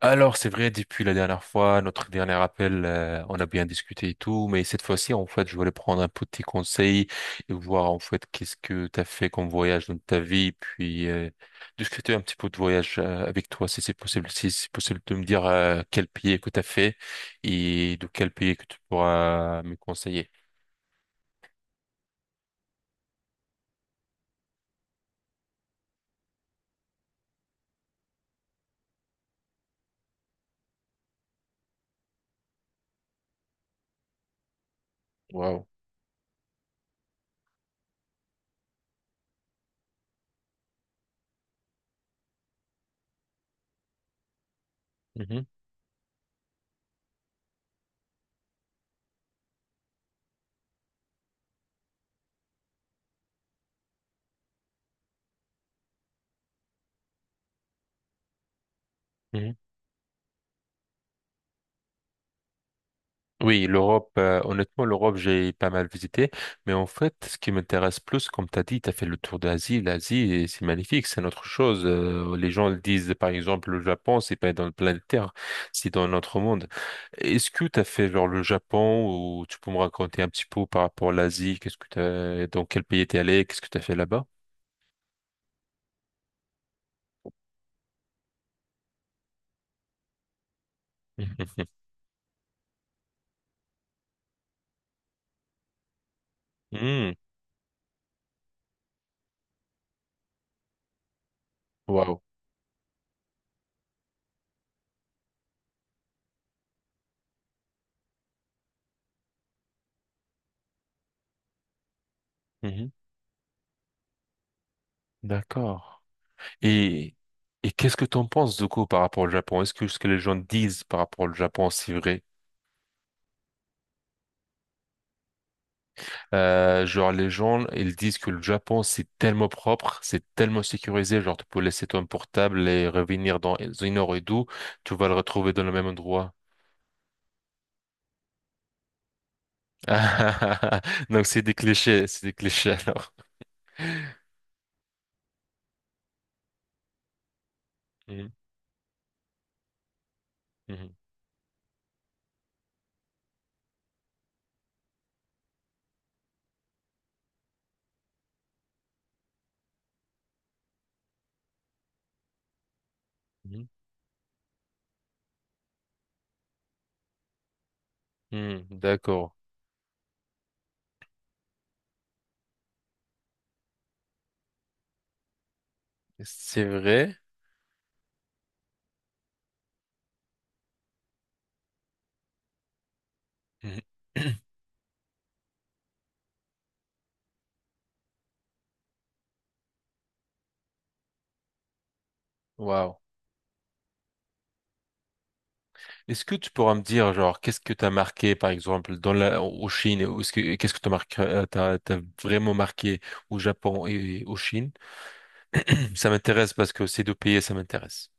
Alors, c'est vrai, depuis la dernière fois, notre dernier appel, on a bien discuté et tout, mais cette fois-ci, en fait, je voulais prendre un petit conseil et voir, en fait, qu'est-ce que tu as fait comme voyage dans ta vie, puis discuter un petit peu de voyage avec toi, si c'est possible, si c'est possible de me dire quel pays que tu as fait et de quel pays que tu pourras me conseiller. Wow. Oui, l'Europe, honnêtement, l'Europe, j'ai pas mal visité, mais en fait, ce qui m'intéresse plus, comme tu as dit, tu as fait le tour d'Asie, l'Asie, et c'est magnifique, c'est notre chose. Les gens le disent, par exemple, le Japon, c'est pas dans le planète Terre, c'est dans notre monde. Est-ce que tu as fait genre le Japon ou tu peux me raconter un petit peu par rapport à l'Asie, qu'est-ce que t'as, dans quel pays t'es allé, qu'est-ce que tu as fait là-bas? Mhm. Mhm. Mhm. D'accord. Et, et qu'est-ce que t'en penses du coup par rapport au Japon? Est-ce que ce que les gens disent par rapport au Japon, c'est vrai? Genre les gens, ils disent que le Japon, c'est tellement propre, c'est tellement sécurisé, genre tu peux laisser ton portable et revenir dans une heure et deux, tu vas le retrouver dans le même endroit. Donc c'est des clichés alors. Mhm, mhm, mhm. Hmm, d'accord. C'est vrai? Mhm. Waouh. Est-ce que tu pourras me dire, genre, qu'est-ce que t'as marqué, par exemple, au Chine, qu'est-ce que t'as marqué, t'as vraiment marqué au Japon et au Chine? Ça m'intéresse parce que ces deux pays, ça m'intéresse.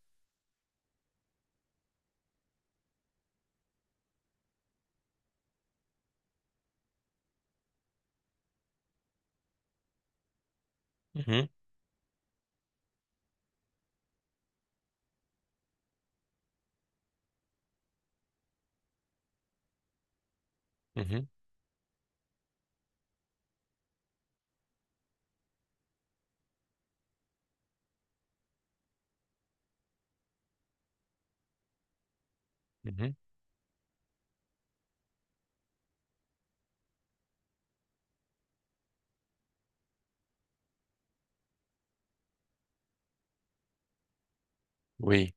Mhm, mhm, mhm. Oui.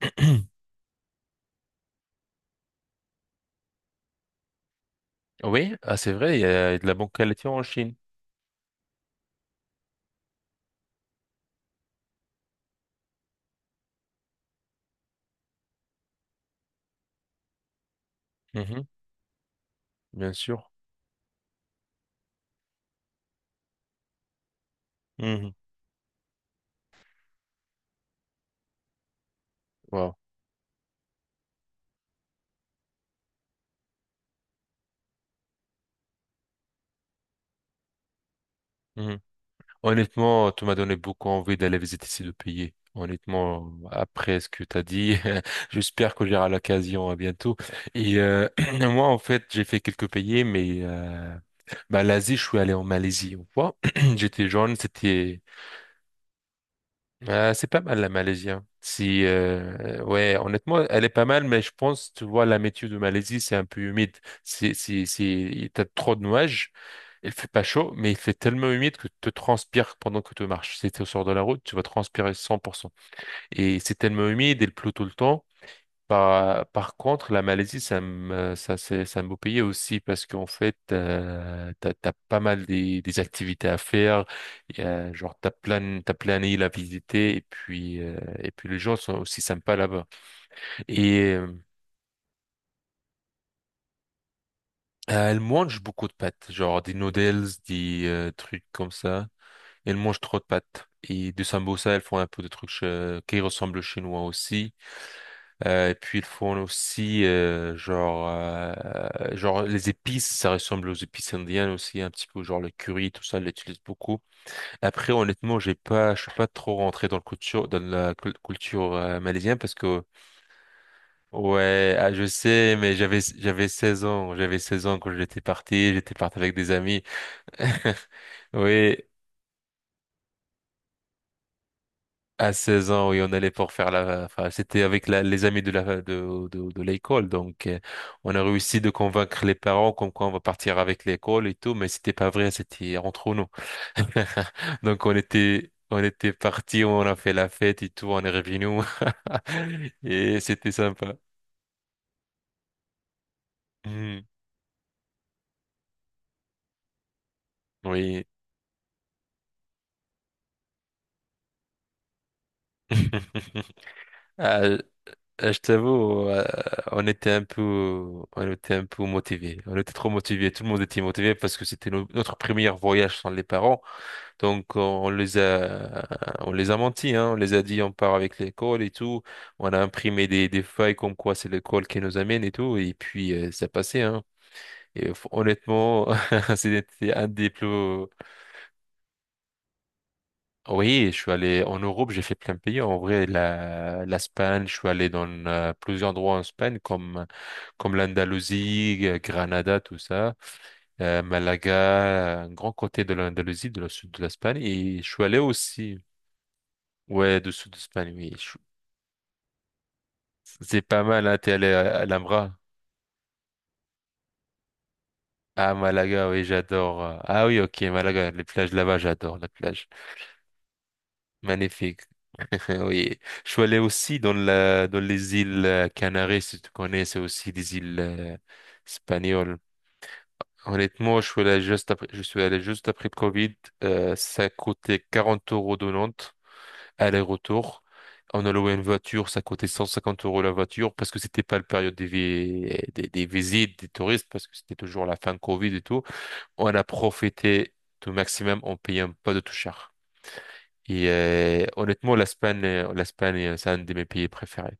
Oui, ah, c'est vrai, il y a de la bonne qualité en Chine. Mhm, bien sûr. Mhm. Wow. Honnêtement, tu m'as donné beaucoup envie d'aller visiter ces deux pays. Honnêtement, après ce que tu as dit, j'espère que j'aurai l'occasion à bientôt. Et moi, en fait, j'ai fait quelques pays, mais bah, l'Asie, je suis allé en Malaisie une fois. J'étais jeune, c'était... C'est pas mal la Malaisie. Hein. Si, ouais, honnêtement, elle est pas mal, mais je pense, tu vois, la météo de Malaisie, c'est un peu humide. T'as trop de nuages. Il fait pas chaud, mais il fait tellement humide que tu te transpires pendant que tu marches. Si tu sors de la route, tu vas transpirer 100%. Et c'est tellement humide, et il pleut tout le temps. Par contre, la Malaisie, ça me, ça, c'est un beau pays aussi parce qu'en fait, t'as pas mal des activités à faire. Il y a, genre, t'as plein d'îles à visiter et puis les gens sont aussi sympas là-bas. Et, elle mange beaucoup de pâtes, genre des noodles, des trucs comme ça. Elle mange trop de pâtes. Et de sambosa, elles font un peu de trucs qui ressemblent aux chinois aussi. Et puis, ils font aussi, genre, les épices, ça ressemble aux épices indiennes aussi, un petit peu, genre le curry, tout ça, elle l'utilise beaucoup. Après, honnêtement, j'ai pas, je suis pas trop rentré dans la culture malaisienne parce que, ouais, ah, je sais, mais j'avais 16 ans, j'avais 16 ans quand j'étais parti avec des amis. Oui, À 16 ans, oui, on allait pour faire la. Enfin, c'était avec les amis de la, de l'école, donc, on a réussi de convaincre les parents comme quoi on va partir avec l'école et tout, mais c'était pas vrai, c'était entre nous. Donc on était partis, on a fait la fête et tout, on est revenus et c'était sympa. Mhm. Oui. Ah, Je t'avoue, on était un peu, on était un peu motivés. On était trop motivés. Tout le monde était motivé parce que c'était notre premier voyage sans les parents. Donc, on les a, on les a menti, hein. On les a dit, on part avec l'école et tout. On a imprimé des feuilles comme quoi c'est l'école qui nous amène et tout. Et puis, ça passait, hein. Et honnêtement, c'était un des plus, Oui, je suis allé en Europe, j'ai fait plein de pays. En vrai, l'Espagne, je suis allé dans plusieurs endroits en Espagne, comme l'Andalousie, Granada, tout ça, Malaga, un grand côté de l'Andalousie, de la sud de l'Espagne. Et je suis allé aussi, ouais, du sud d'Espagne, oui. je C'est pas mal, hein, t'es allé à Alhambra. Ah, Malaga, oui, j'adore. Ah oui, ok, Malaga, les plages là-bas, j'adore la plage. Magnifique. Oui. Je suis allé aussi dans les îles Canaries, si tu connais, c'est aussi des îles espagnoles. Honnêtement, je suis allé juste après, je suis allé juste après le Covid. Ça coûtait 40 euros de Nantes, aller-retour. On a loué une voiture, ça coûtait 150 euros la voiture parce que c'était pas la période des visites, des touristes, parce que c'était toujours la fin de Covid et tout. On a profité au maximum en payant pas de tout cher. Et honnêtement, l'Espagne, c'est un de mes pays préférés.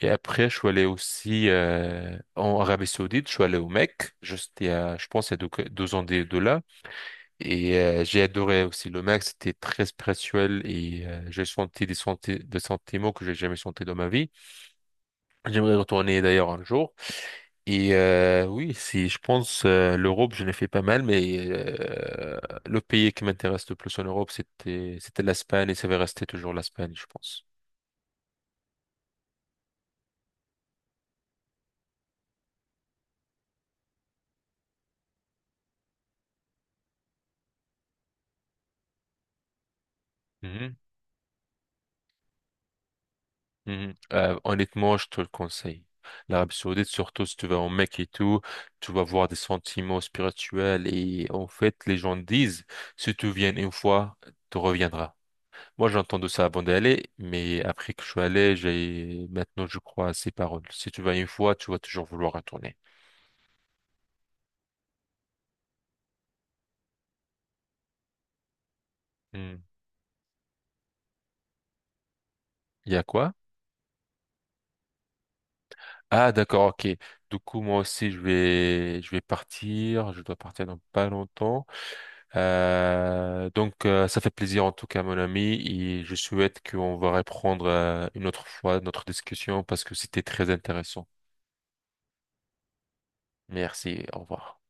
Et après, je suis allé aussi en Arabie Saoudite, je suis allé au Mecque, juste il y a, je pense, il y a deux ans de là. Et j'ai adoré aussi le Mecque, c'était très spirituel et j'ai senti des sentiments que j'ai jamais sentis dans ma vie. J'aimerais retourner d'ailleurs un jour. Et oui, si je pense l'Europe, je l'ai fait pas mal, mais le pays qui m'intéresse le plus en Europe, c'était l'Espagne et ça va rester toujours l'Espagne, je pense. Mhm, mhm. Honnêtement, je te le conseille. L'Arabie Saoudite, surtout si tu vas en Mecque et tout, tu vas voir des sentiments spirituels et en fait, les gens disent, si tu viens une fois, tu reviendras. Moi, j'ai entendu ça avant d'aller, mais après que je suis allé, j'ai maintenant, je crois à ces paroles. Si tu vas une fois, tu vas toujours vouloir retourner. Hmm. Il y a quoi? Ah, d'accord, ok. Du coup, moi aussi, je vais partir. Je dois partir dans pas longtemps. Donc, ça fait plaisir en tout cas, mon ami, et je souhaite qu'on va reprendre une autre fois notre discussion parce que c'était très intéressant. Merci, au revoir.